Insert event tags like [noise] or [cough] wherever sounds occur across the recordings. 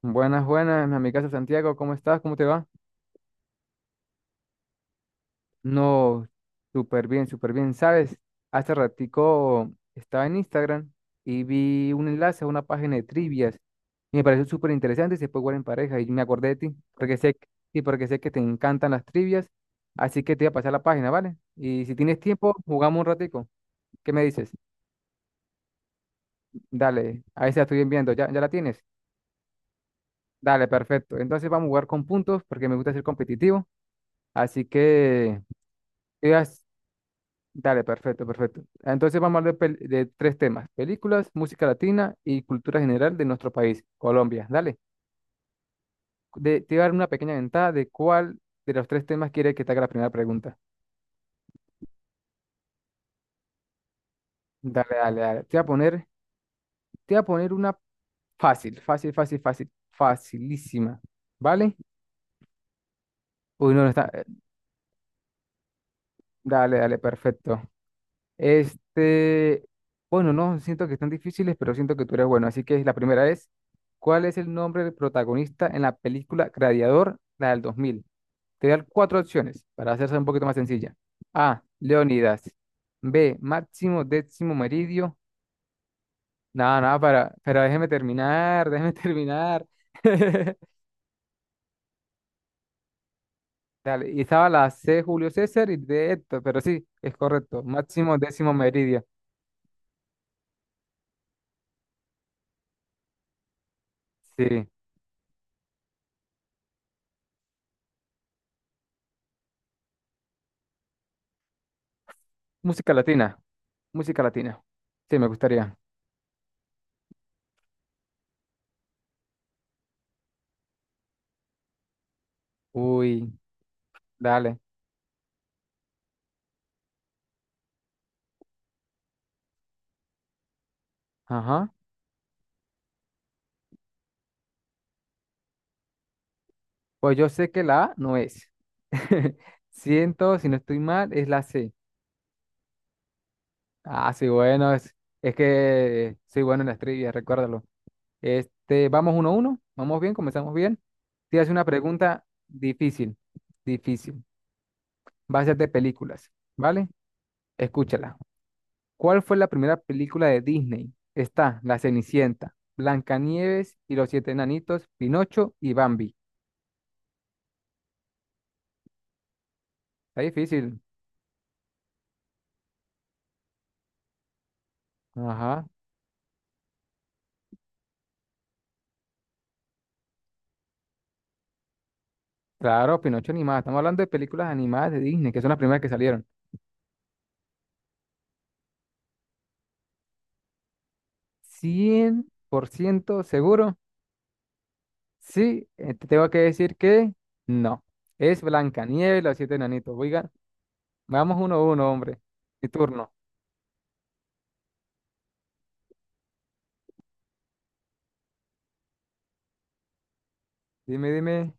Buenas, buenas, mi amigazo Santiago, ¿cómo estás? ¿Cómo te va? No, súper bien, súper bien. ¿Sabes? Hace ratico estaba en Instagram y vi un enlace a una página de trivias y me pareció súper interesante y se puede jugar en pareja y me acordé de ti porque sé que te encantan las trivias, así que te voy a pasar la página, ¿vale? Y si tienes tiempo, jugamos un ratico. ¿Qué me dices? Dale, ahí se la estoy enviando, ¿ya la tienes? Dale, perfecto. Entonces vamos a jugar con puntos porque me gusta ser competitivo, así que... te voy a Dale, perfecto, perfecto. Entonces vamos a hablar de tres temas, películas, música latina y cultura general de nuestro país, Colombia. Dale, te voy a dar una pequeña ventaja de cuál de los tres temas quiere que te haga la primera pregunta. Dale, dale, dale. Te voy a poner una fácil, fácil, fácil, fácil, facilísima. ¿Vale? Uy, no, no está. Dale, dale, perfecto. Este, bueno, no siento que están difíciles, pero siento que tú eres bueno. Así que la primera es, ¿cuál es el nombre del protagonista en la película Gladiador, la del 2000? Te voy a dar cuatro opciones para hacerse un poquito más sencilla. A, Leonidas. B, Máximo Décimo Meridio. Nada, nada, para, pero déjeme terminar, déjeme [laughs] terminar. [laughs] Dale, y estaba la C, Julio César y D, Héctor, pero sí, es correcto. Máximo Décimo Meridio. Sí, música latina. Música latina. Sí, me gustaría. Uy, dale. Ajá. Pues yo sé que la A no es. [laughs] Siento, si no estoy mal, es la C. Ah, sí, bueno, es que soy bueno en las trivias, recuérdalo. Vamos uno a uno. Vamos bien, comenzamos bien. Te hace una pregunta difícil, difícil. Va a ser de películas, ¿vale? Escúchala. ¿Cuál fue la primera película de Disney? Está La Cenicienta, Blancanieves y los siete enanitos, Pinocho y Bambi. Está difícil. Ajá. Claro, Pinocho animada. Estamos hablando de películas animadas de Disney, que son las primeras que salieron. 100% seguro. Sí, te tengo que decir que no. Es Blancanieves, y los siete enanitos. Oigan, vamos uno a uno, hombre. Mi turno. Dime, dime.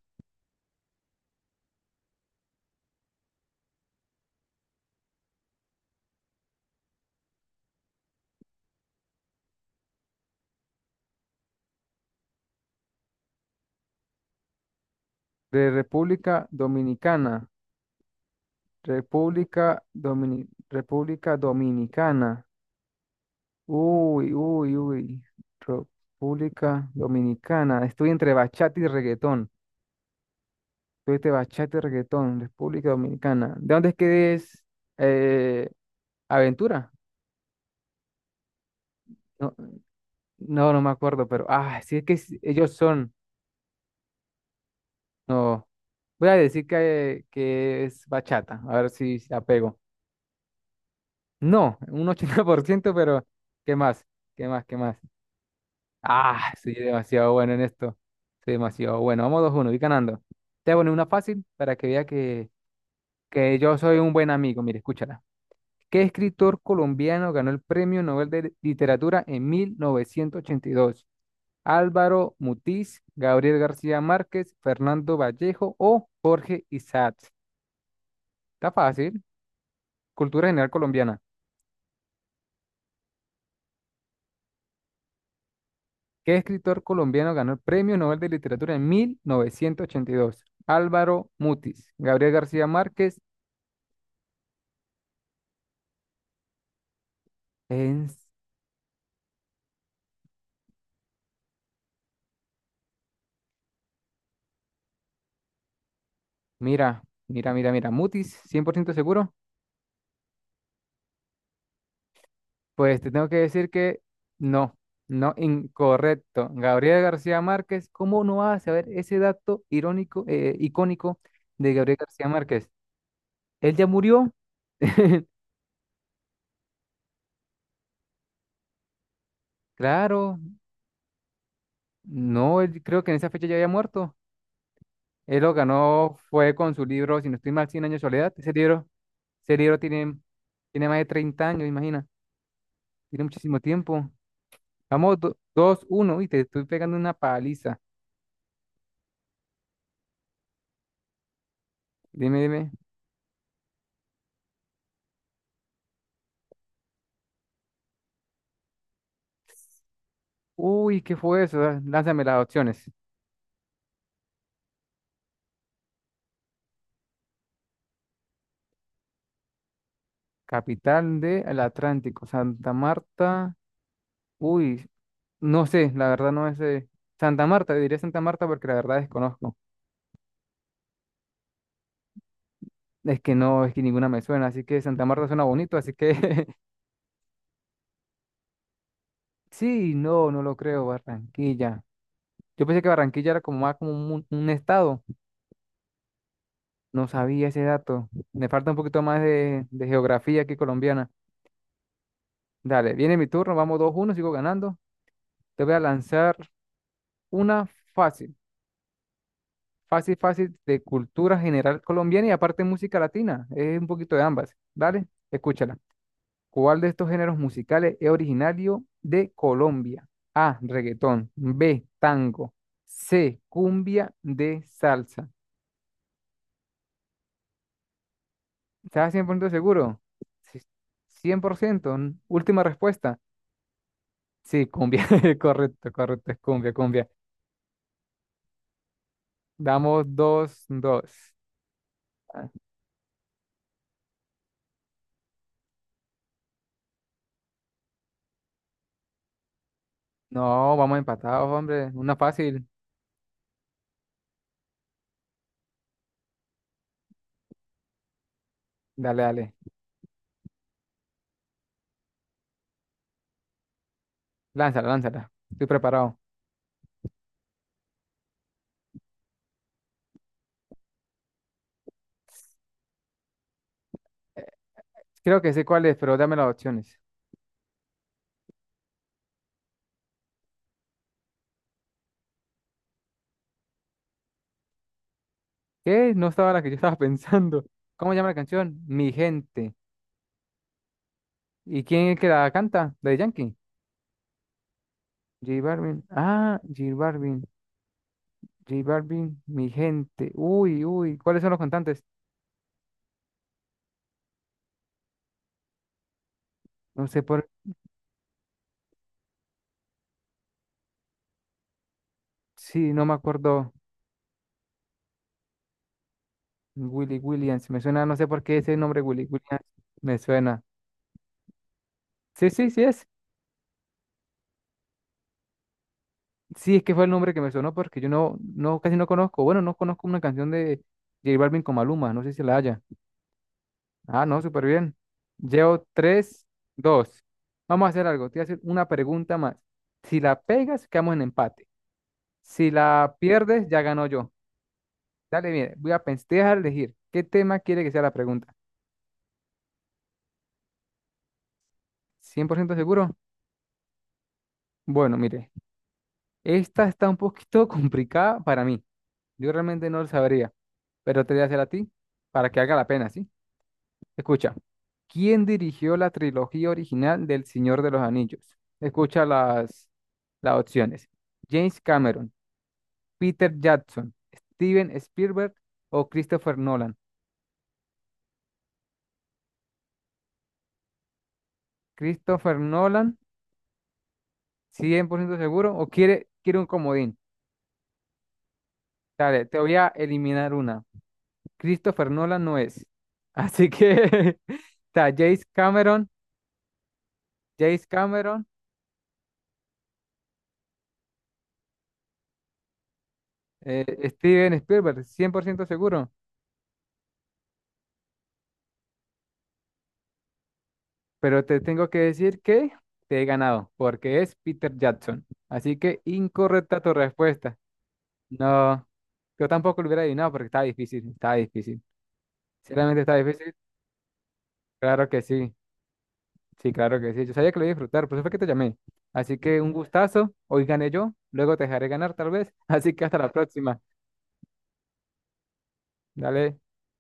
De República Dominicana. República Dominicana. Uy, uy, uy. República Dominicana. Estoy entre bachata y reggaetón. Tuviste bachata y reggaetón, República Dominicana. ¿De dónde es que es eh, Aventura? No, no, no me acuerdo, pero ah, sí es que ellos son. No, voy a decir que es bachata, a ver si la pego. No, un 80%, [laughs] pero ¿qué más? ¿Qué más? ¿Qué más? Ah, soy demasiado bueno en esto. Soy demasiado bueno. Vamos 2-1. Voy ganando. Te voy a poner una fácil para que vea que yo soy un buen amigo. Mire, escúchala. ¿Qué escritor colombiano ganó el Premio Nobel de Literatura en 1982? Álvaro Mutis, Gabriel García Márquez, Fernando Vallejo o Jorge Isaacs. Está fácil. Cultura general colombiana. ¿Qué escritor colombiano ganó el Premio Nobel de Literatura en 1982? Álvaro Mutis, Gabriel García Márquez. en- Mira, mira, mira, mira. Mutis, 100% seguro. Pues te tengo que decir que no, no, incorrecto. Gabriel García Márquez, ¿cómo no vas a saber ese dato irónico, icónico de Gabriel García Márquez? Él ya murió. [laughs] Claro, no, él creo que en esa fecha ya había muerto. Él lo ganó, fue con su libro, si no estoy mal, Cien años de soledad. Ese libro tiene más de 30 años, imagina. Tiene muchísimo tiempo. Vamos, 2-1 y te estoy pegando una paliza. Dime, dime. Uy, ¿qué fue eso? Ah, lánzame las opciones. Capital del Atlántico, Santa Marta. Uy, no sé, la verdad no sé. Santa Marta, diré Santa Marta porque la verdad desconozco. Es que no, es que ninguna me suena, así que Santa Marta suena bonito, así que [laughs] sí, no, no lo creo, Barranquilla. Yo pensé que Barranquilla era como más como un estado, no sabía ese dato. Me falta un poquito más de geografía que colombiana. Dale, viene mi turno, vamos 2-1. Sigo ganando. Te voy a lanzar una fácil. Fácil, fácil de cultura general colombiana y aparte música latina. Es un poquito de ambas. Dale, escúchala. ¿Cuál de estos géneros musicales es originario de Colombia? A, reggaetón. B, tango. C, cumbia. D, salsa. ¿Estás 100% seguro? Sí, 100%. Última respuesta. Sí, cumbia. [laughs] Correcto, correcto. Es cumbia, cumbia. Damos 2-2. Ah, no, vamos empatados, hombre. Una fácil. Dale, dale. Lánzala, lánzala. Estoy preparado. Creo que sé cuál es, pero dame las opciones. ¿Qué? No estaba la que yo estaba [laughs] pensando. ¿Cómo llama la canción? Mi gente. ¿Y quién es que la canta? ¿La de Yankee? J Balvin. Ah, J Balvin. J Balvin, mi gente. Uy, uy. ¿Cuáles son los cantantes? No sé por... Sí, no me acuerdo. Willy Williams. Me suena, no sé por qué ese nombre Willy Williams me suena. Sí, sí, sí es. Sí, es que fue el nombre que me sonó porque yo no, casi no conozco. Bueno, no conozco una canción de... J Balvin con Maluma, no sé si la haya. Ah, no, súper bien. Llevo 3-2. Vamos a hacer algo. Te voy a hacer una pregunta más. Si la pegas, quedamos en empate. Si la pierdes, ya ganó yo. Dale, mire, voy a pensar, te voy a dejar elegir. ¿Qué tema quiere que sea la pregunta? ¿100% seguro? Bueno, mire, esta está un poquito [laughs] complicada para mí. Yo realmente no lo sabría, pero te voy a hacer a ti para que haga la pena, ¿sí? Escucha, ¿quién dirigió la trilogía original del Señor de los Anillos? Escucha las opciones. James Cameron, Peter Jackson, Steven Spielberg o Christopher Nolan. Christopher Nolan, 100% seguro, o quiere un comodín. Dale, te voy a eliminar una. Christopher Nolan no es. Así que [laughs] está James Cameron, eh, Steven Spielberg, 100% seguro. Pero te tengo que decir que te he ganado, porque es Peter Jackson. Así que incorrecta tu respuesta. No, yo tampoco lo hubiera adivinado porque estaba difícil, estaba difícil. Sinceramente está difícil. Claro que sí, sí, claro que sí. Yo sabía que lo iba a disfrutar, por eso fue que te llamé. Así que un gustazo, hoy gané yo, luego te dejaré ganar tal vez. [laughs] Así que hasta la próxima. Dale.